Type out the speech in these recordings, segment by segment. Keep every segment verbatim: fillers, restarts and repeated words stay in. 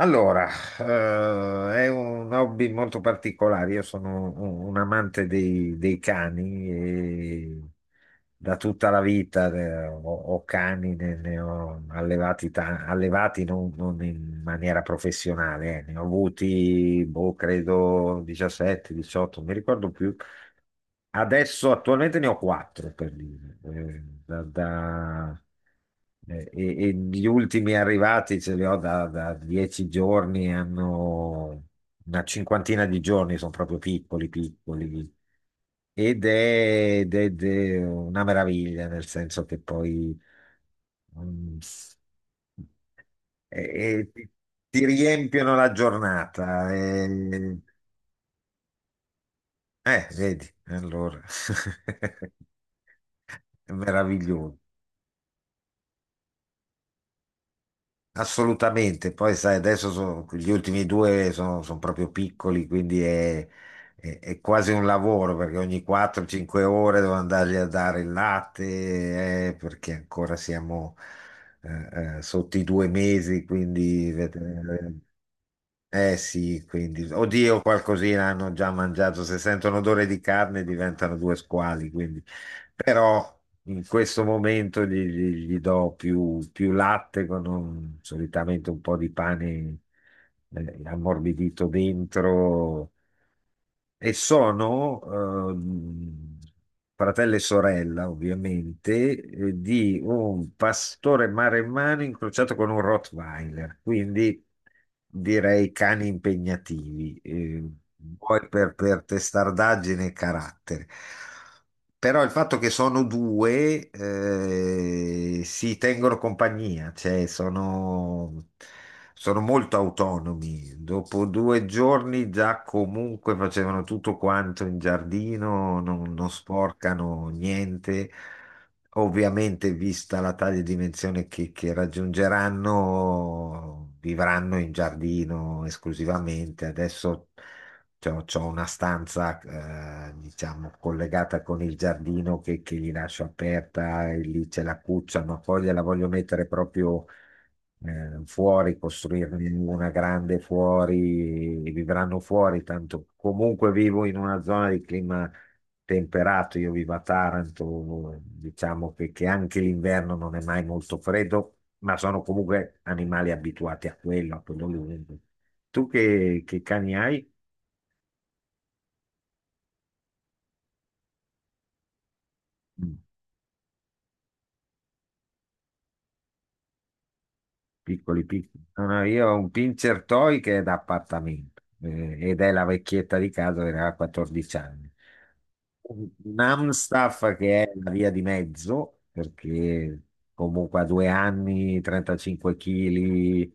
Allora, eh, è un hobby molto particolare. Io sono un, un amante dei, dei cani e da tutta la vita eh, ho, ho cani, ne, ne ho allevati, ta- allevati non, non in maniera professionale, eh. Ne ho avuti, boh, credo diciassette, diciotto, non mi ricordo più. Adesso attualmente ne ho quattro per dire. Eh, da, eh, E, e gli ultimi arrivati ce li ho da, da dieci giorni, hanno una cinquantina di giorni, sono proprio piccoli, piccoli. Ed è, ed è- ed è una meraviglia, nel senso che poi mm, e- e ti, ti riempiono la giornata. E- eh, vedi, allora è meraviglioso. Assolutamente, poi sai, adesso sono- gli ultimi due sono, sono proprio piccoli, quindi è, è- è quasi un lavoro perché ogni quattro cinque ore devo andargli a dare il latte, eh, perché ancora siamo eh, eh, sotto i due mesi, quindi vedere. Eh sì, quindi, oddio, qualcosina hanno già mangiato. Se sentono odore di carne diventano due squali, quindi. Però in questo momento gli, gli- gli do più, più latte con un- solitamente un po' di pane eh, ammorbidito dentro e sono ehm, fratello e sorella, ovviamente, eh, di un pastore maremmano incrociato con un Rottweiler, quindi direi cani impegnativi, eh, poi per, per testardaggine e carattere. Però il fatto che sono due eh, si tengono compagnia, cioè sono sono molto autonomi. Dopo due giorni già comunque facevano tutto quanto in giardino, non, non sporcano niente. Ovviamente, vista la taglia e dimensione che, che raggiungeranno, vivranno in giardino esclusivamente. Adesso c'ho, c'ho una stanza, eh, diciamo, collegata con il giardino che, che gli lascio aperta e lì c'è la cuccia, ma poi gliela voglio mettere proprio eh, fuori, costruirne una grande fuori, e vivranno fuori, tanto comunque vivo in una zona di clima temperato, io vivo a Taranto, diciamo che, che anche l'inverno non è mai molto freddo, ma sono comunque animali abituati a quello, a quello lungo. Tu che, che cani hai? Mm. Piccoli, piccoli. No, no, io ho un pincher toy che è da appartamento eh, ed è la vecchietta di casa che aveva quattordici anni. Namstaff, che è la via di mezzo, perché comunque a due anni, trentacinque chili,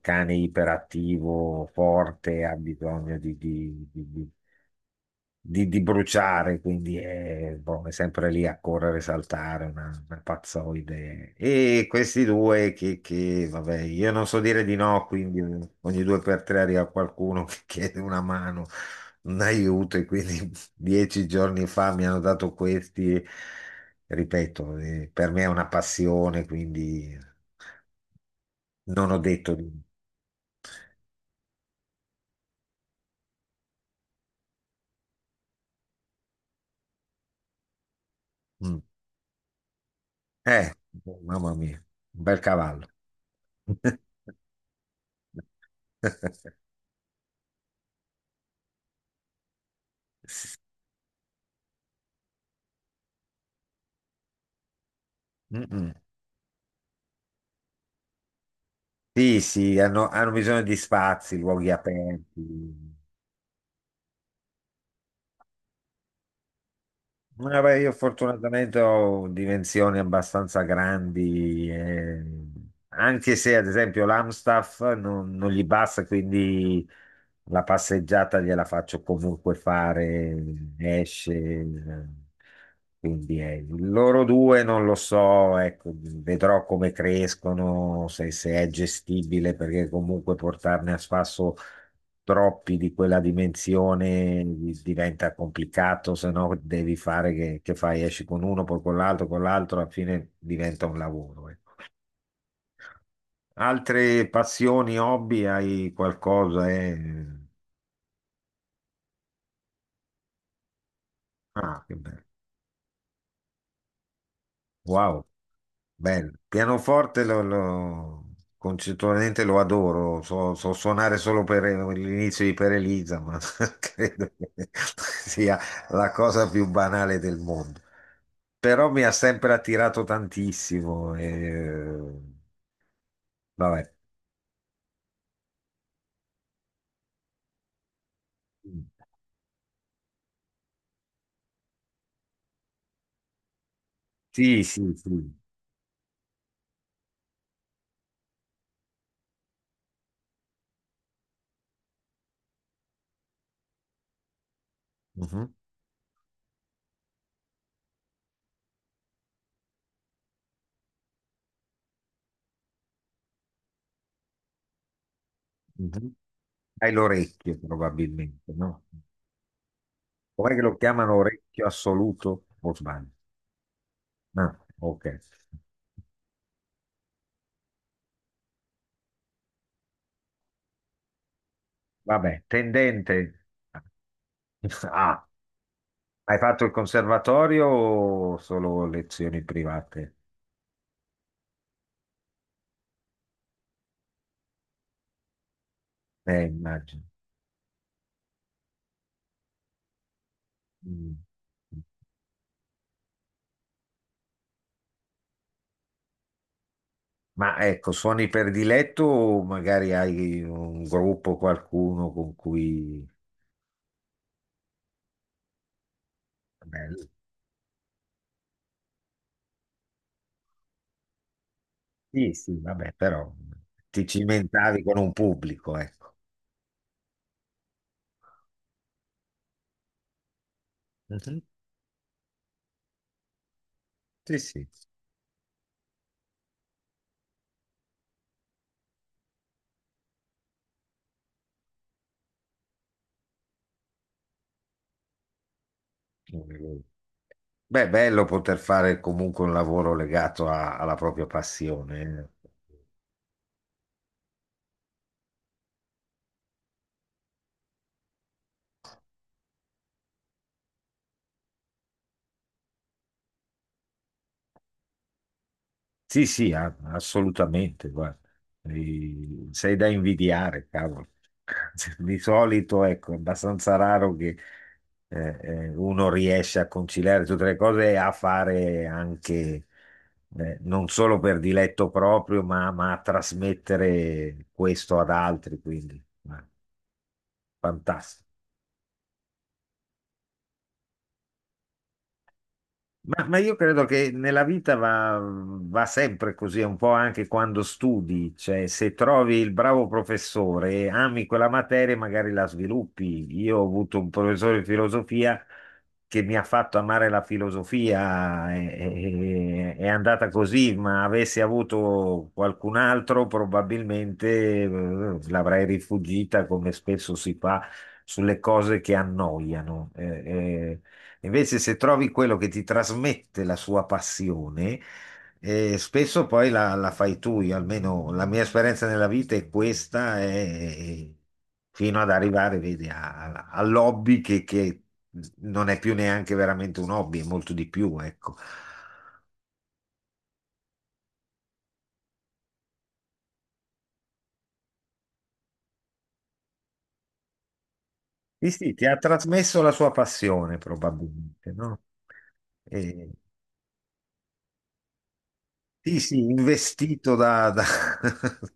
cane iperattivo, forte, ha bisogno di, di- di- di di, di bruciare, quindi è, boh, è sempre lì a correre, saltare, una, una pazzoide. E questi due che, che, vabbè, io non so dire di no, quindi ogni due per tre arriva qualcuno che chiede una mano, un aiuto, e quindi dieci giorni fa mi hanno dato questi. Ripeto, eh, per me è una passione, quindi non ho detto di... Mm. Eh, mamma mia, un bel cavallo. Mm-mm. Sì, sì, hanno, hanno bisogno di spazi, luoghi aperti. Ma beh, io fortunatamente ho dimensioni abbastanza grandi, eh, anche se ad esempio l'Amstaff non, non gli basta, quindi la passeggiata gliela faccio comunque fare, esce. eh, Quindi eh, loro due non lo so, ecco, vedrò come crescono, se se è gestibile, perché comunque portarne a spasso troppi di quella dimensione di- diventa complicato, se no devi fare che, che fai, esci con uno, poi con l'altro, con l'altro, alla fine diventa un lavoro. Ecco. Altre passioni, hobby, hai qualcosa? Eh? Ah, che bello. Wow, bello. Pianoforte lo, lo- concettualmente lo adoro, so, so suonare solo per l'inizio di Per Elisa, ma credo che sia la cosa più banale del mondo. Però mi ha sempre attirato tantissimo. E... Vabbè. Sì, sì, sì. Mhm, mhm. Hai l'orecchio probabilmente, no? Com'è che lo chiamano orecchio assoluto? O sbaglio? No, ok. Vabbè, tendente. Ah, hai fatto il conservatorio o solo lezioni private? Eh, immagino. Mm. Mm. Ma ecco, suoni prediletto o magari hai un gruppo, qualcuno con cui... Vabbè, sì, sì, vabbè, però ti cimentavi con un pubblico, ecco. Mhm. Sì, sì. Beh, è bello poter fare comunque un lavoro legato a- alla propria passione. Eh. Sì, sì, a- assolutamente, guarda. E- sei da invidiare, cavolo. Di solito, ecco, è abbastanza raro che eh, eh, uno riesce a conciliare tutte le cose e a fare anche, eh, non solo per diletto proprio, ma, ma a trasmettere questo ad altri, quindi, ma fantastico. Ma, ma io credo che nella vita va, va sempre così, un po' anche quando studi, cioè se trovi il bravo professore e ami quella materia, magari la sviluppi. Io ho avuto un professore di filosofia che mi ha fatto amare la filosofia, e- e- e- è andata così, ma avessi avuto qualcun altro probabilmente eh, l'avrei rifuggita come spesso si fa sulle cose che annoiano. Eh, eh, Invece, se trovi quello che ti trasmette la sua passione, eh, spesso poi la, la fai tu. Io, almeno la mia esperienza nella vita è questa, e- fino ad arrivare, vedi, a- a- all'hobby che, che non è più neanche veramente un hobby, è molto di più, ecco. Sì, sì, ti ha trasmesso la sua passione, probabilmente, no? E, sì, sì, investito da... da-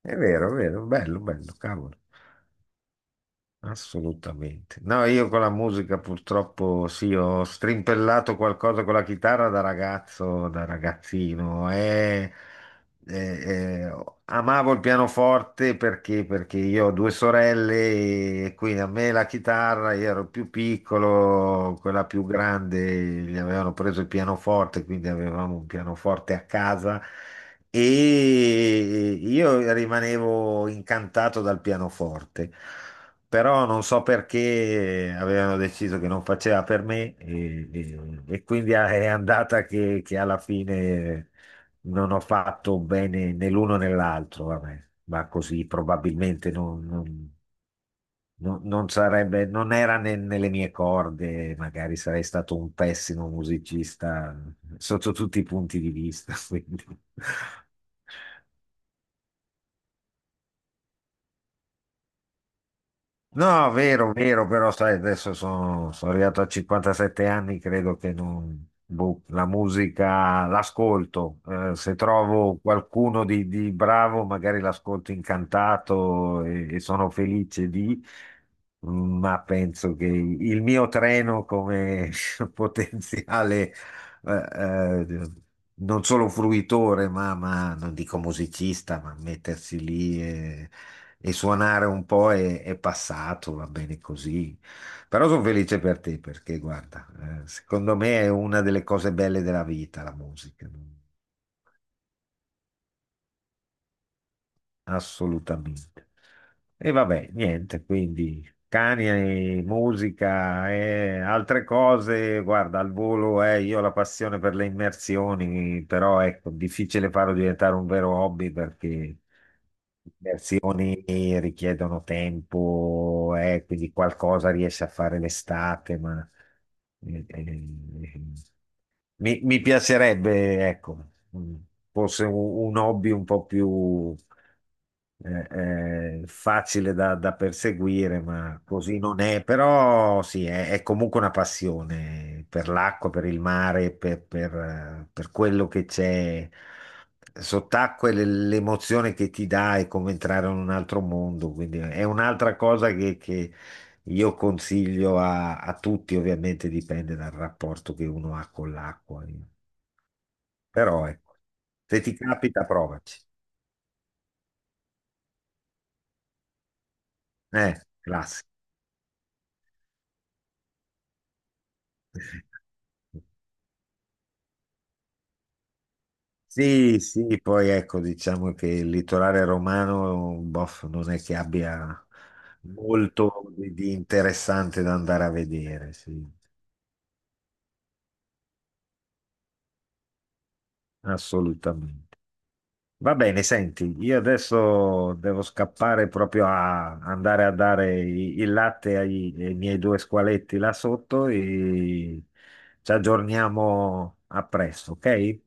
È vero, è vero, bello, bello, cavolo. Assolutamente. No, io con la musica purtroppo sì, ho strimpellato qualcosa con la chitarra da ragazzo, da ragazzino. E, e- e amavo il pianoforte perché, perché io ho due sorelle e quindi a me la chitarra, io ero più piccolo, quella più grande gli avevano preso il pianoforte, quindi avevamo un pianoforte a casa. E io rimanevo incantato dal pianoforte però non so perché avevano deciso che non faceva per me e, e- e quindi è andata che, che alla fine non ho fatto bene né l'uno né l'altro, vabbè. Ma così probabilmente non, non- non- non sarebbe, non era ne- nelle mie corde, magari sarei stato un pessimo musicista sotto tutti i punti di vista, quindi. No, vero, vero, però sai, adesso sono, sono arrivato a cinquantasette anni, credo che non, boh, la musica l'ascolto. Eh, se trovo qualcuno di, di bravo, magari l'ascolto incantato e, e sono felice di, ma penso che il mio treno come potenziale eh, eh, non solo fruitore, ma, ma non dico musicista, ma mettersi lì e, e suonare un po' è, è passato, va bene così. Però sono felice per te perché, guarda, eh, secondo me è una delle cose belle della vita, la musica. Assolutamente. E vabbè, niente, quindi cani, eh, musica e altre cose, guarda, al volo eh, io ho la passione per le immersioni, però ecco, difficile farlo diventare un vero hobby perché immersioni richiedono tempo, eh, quindi qualcosa riesci a fare l'estate, ma... eh, eh, mi, mi piacerebbe, ecco, mh, forse un, un hobby un po' più eh, eh, facile da, da perseguire, ma così non è. Però sì, è, è comunque una passione per l'acqua, per il mare, per, per, eh, per quello che c'è sott'acqua e le- l'emozione che ti dà è come entrare in un altro mondo. Quindi è un'altra cosa che, io consiglio a, a tutti, ovviamente dipende dal rapporto che uno ha con l'acqua, eh. Però ecco, se ti capita provaci. Eh, classico. Sì, sì, poi ecco, diciamo che il litorale romano, boh, non è che abbia molto di di interessante da andare a vedere, sì, assolutamente. Va bene, senti, io adesso devo scappare proprio a andare a dare i- il latte ai, ai miei due squaletti là sotto e ci aggiorniamo a presto, ok?